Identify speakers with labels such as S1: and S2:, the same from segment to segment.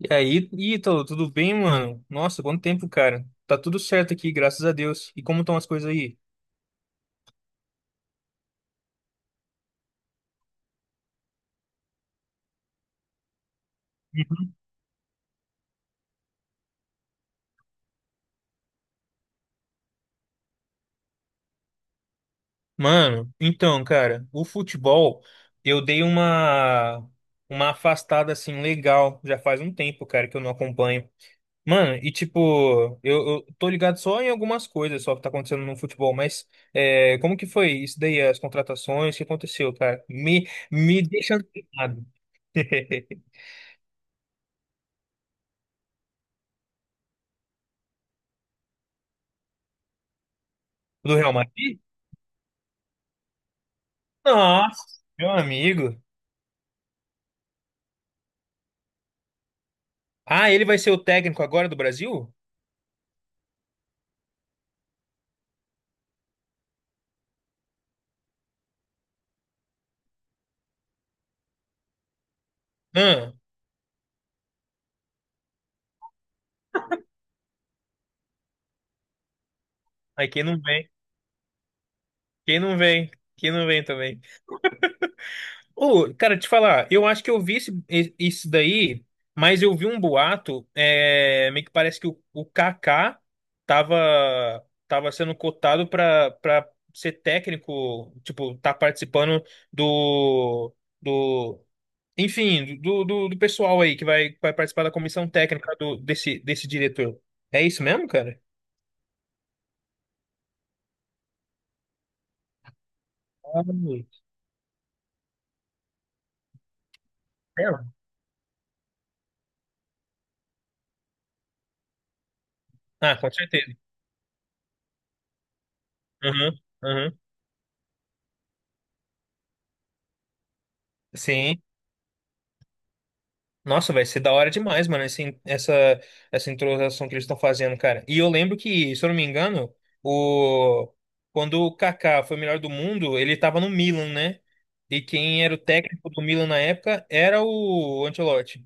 S1: E aí, Ítalo, tudo bem, mano? Nossa, quanto tempo, cara. Tá tudo certo aqui, graças a Deus. E como estão as coisas aí? Uhum. Mano, então, cara, o futebol, eu dei uma afastada assim legal, já faz um tempo, cara, que eu não acompanho. Mano, e tipo, eu tô ligado só em algumas coisas só que tá acontecendo no futebol, mas é, como que foi isso daí, as contratações, o que aconteceu, cara? Me deixa antenado. Do Real Madrid? Nossa, meu amigo. Ah, ele vai ser o técnico agora do Brasil? Ah, aí quem não vem? Quem não vem? Quem não vem também? Ô, cara, te falar, eu acho que eu vi isso daí, mas eu vi um boato, é, meio que parece que o, Kaká tava, tava sendo cotado pra, pra ser técnico, tipo, tá participando do, do, enfim, do, do pessoal aí que vai participar da comissão técnica do, desse, desse diretor. É isso mesmo, cara? Ah, é. Ah, com certeza. Aham, aham. Sim. Nossa, vai ser da hora demais, mano, esse, essa introdução que eles estão fazendo, cara. E eu lembro que, se eu não me engano, o... quando o Kaká foi o melhor do mundo, ele tava no Milan, né? E quem era o técnico do Milan na época era o Ancelotti.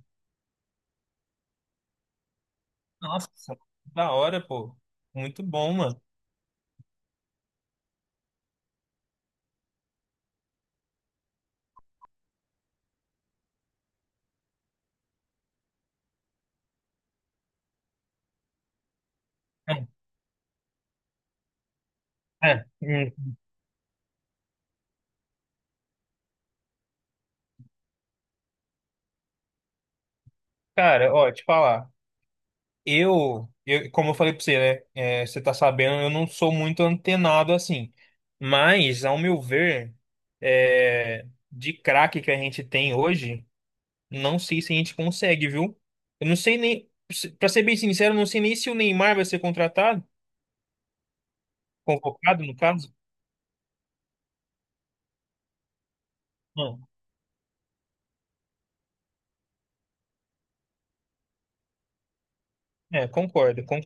S1: Nossa, da hora, pô. Muito bom, mano. É, é. Hum. Cara, ó, te falar. Como eu falei pra você, né? É, você tá sabendo, eu não sou muito antenado assim. Mas, ao meu ver, é, de craque que a gente tem hoje, não sei se a gente consegue, viu? Eu não sei nem, pra ser bem sincero, eu não sei nem se o Neymar vai ser contratado, convocado, no caso. Não, é, concordo. Con...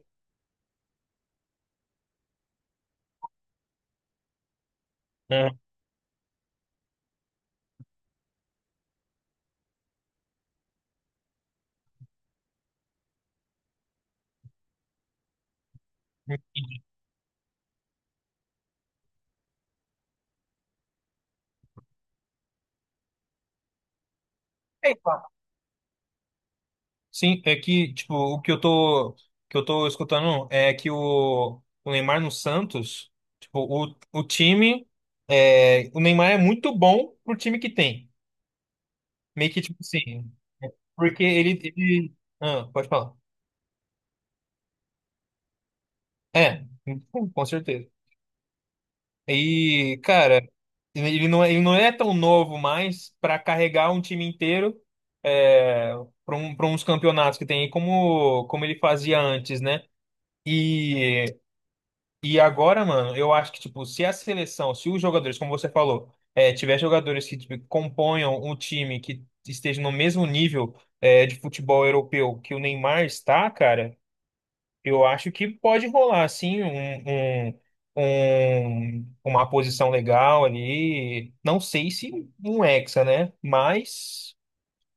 S1: Aham. Sim, é que, tipo, o que eu tô escutando é que o, Neymar no Santos, tipo, o, time, é, o Neymar é muito bom pro time que tem. Meio que, tipo assim, porque ah, pode falar. É, com certeza. E, cara, ele não é tão novo mais pra carregar um time inteiro, é, para uns campeonatos que tem aí, como, como ele fazia antes, né? E E agora, mano, eu acho que, tipo, se a seleção, se os jogadores, como você falou, é, tiver jogadores que tipo, componham um time que esteja no mesmo nível, é, de futebol europeu que o Neymar está, cara, eu acho que pode rolar, assim, um, um- uma posição legal ali. Não sei se um hexa, né? Mas,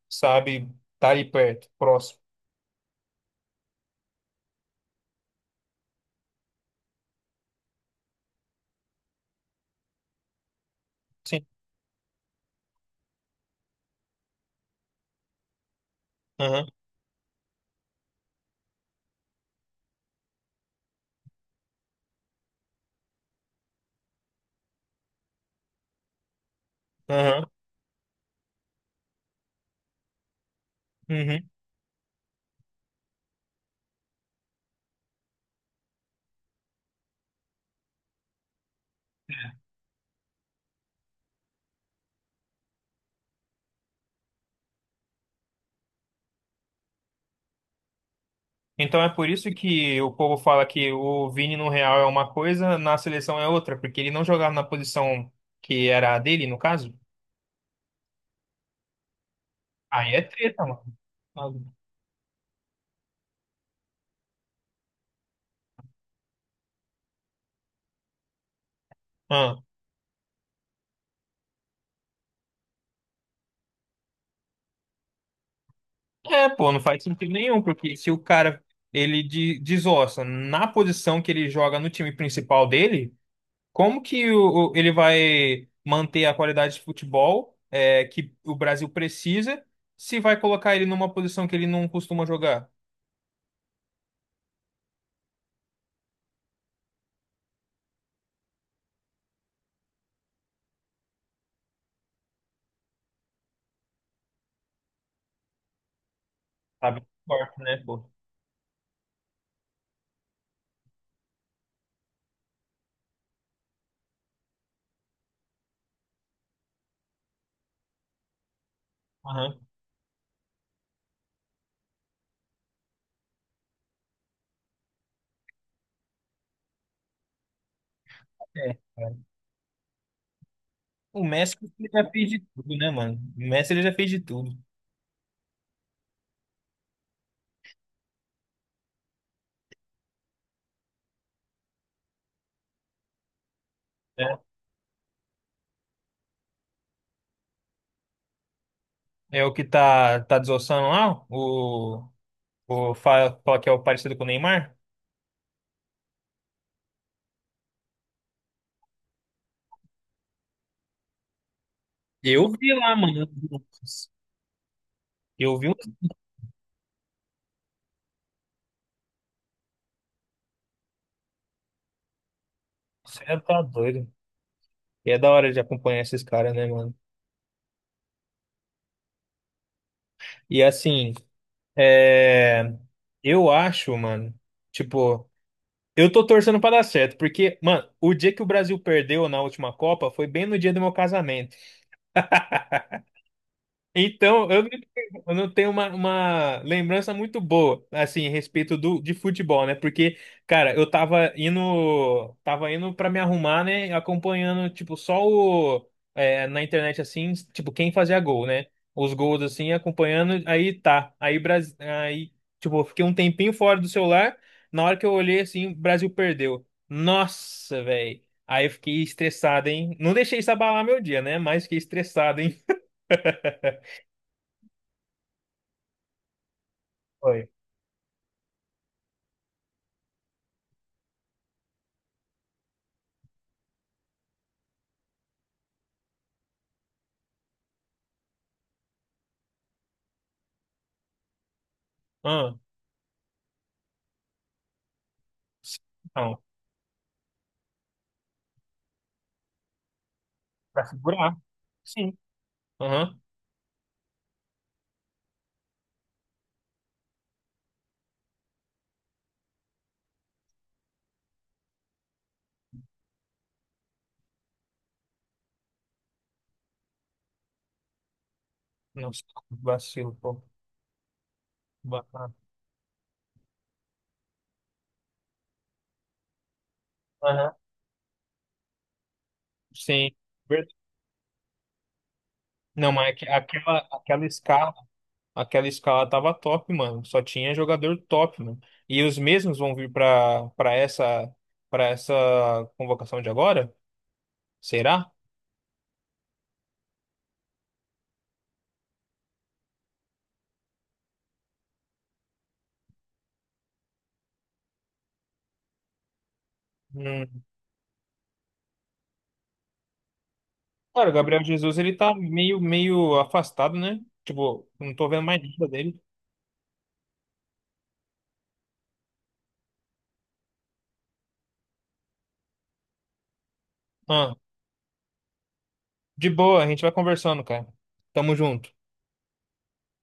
S1: sabe, tá ali perto, próximo. Sim. Aham, aham, uhum. Então é por isso que o povo fala que o Vini no Real é uma coisa, na seleção é outra, porque ele não jogava na posição que era a dele, no caso. Aí é treta, mano. Ah. É, pô, não faz sentido nenhum, porque se o cara ele desossa na posição que ele joga no time principal dele, como que ele vai manter a qualidade de futebol é, que o Brasil precisa se vai colocar ele numa posição que ele não costuma jogar? Sabe? Forte, né, pô? Aham. É. É. O Messi ele já fez de tudo, né, mano? O Messi ele já fez de tudo. Né? É, o que tá, tá desossando lá, o fala, fala que é o parecido com o Neymar. Eu vi lá, mano. Eu vi um. Você tá doido. E é da hora de acompanhar esses caras, né, mano? E assim, é, eu acho, mano, tipo, eu tô torcendo pra dar certo, porque, mano, o dia que o Brasil perdeu na última Copa foi bem no dia do meu casamento. Então, eu não tenho eu não tenho uma lembrança muito boa, assim, a respeito do, de futebol, né? Porque, cara, eu tava indo pra me arrumar, né? Acompanhando, tipo, só o, é, na internet, assim, tipo, quem fazia gol, né? Os gols, assim, acompanhando, aí tá. Aí, Brasil, aí, tipo, eu fiquei um tempinho fora do celular. Na hora que eu olhei, assim, o Brasil perdeu. Nossa, velho. Aí eu fiquei estressado, hein? Não deixei isso abalar meu dia, né? Mas fiquei estressado, hein? Foi. Não, pra segurar. Sim. Aham. Nossa, que vacilo, pô. Bacana. Aham. Sim. Verdade. Não, mas aquela, aquela escala tava top, mano. Só tinha jogador top, mano. E os mesmos vão vir pra, pra essa convocação de agora? Será? Hum. Cara, o Gabriel Jesus, ele tá meio, meio afastado, né? Tipo, não tô vendo mais nada dele. Ah, de boa, a gente vai conversando, cara. Tamo junto.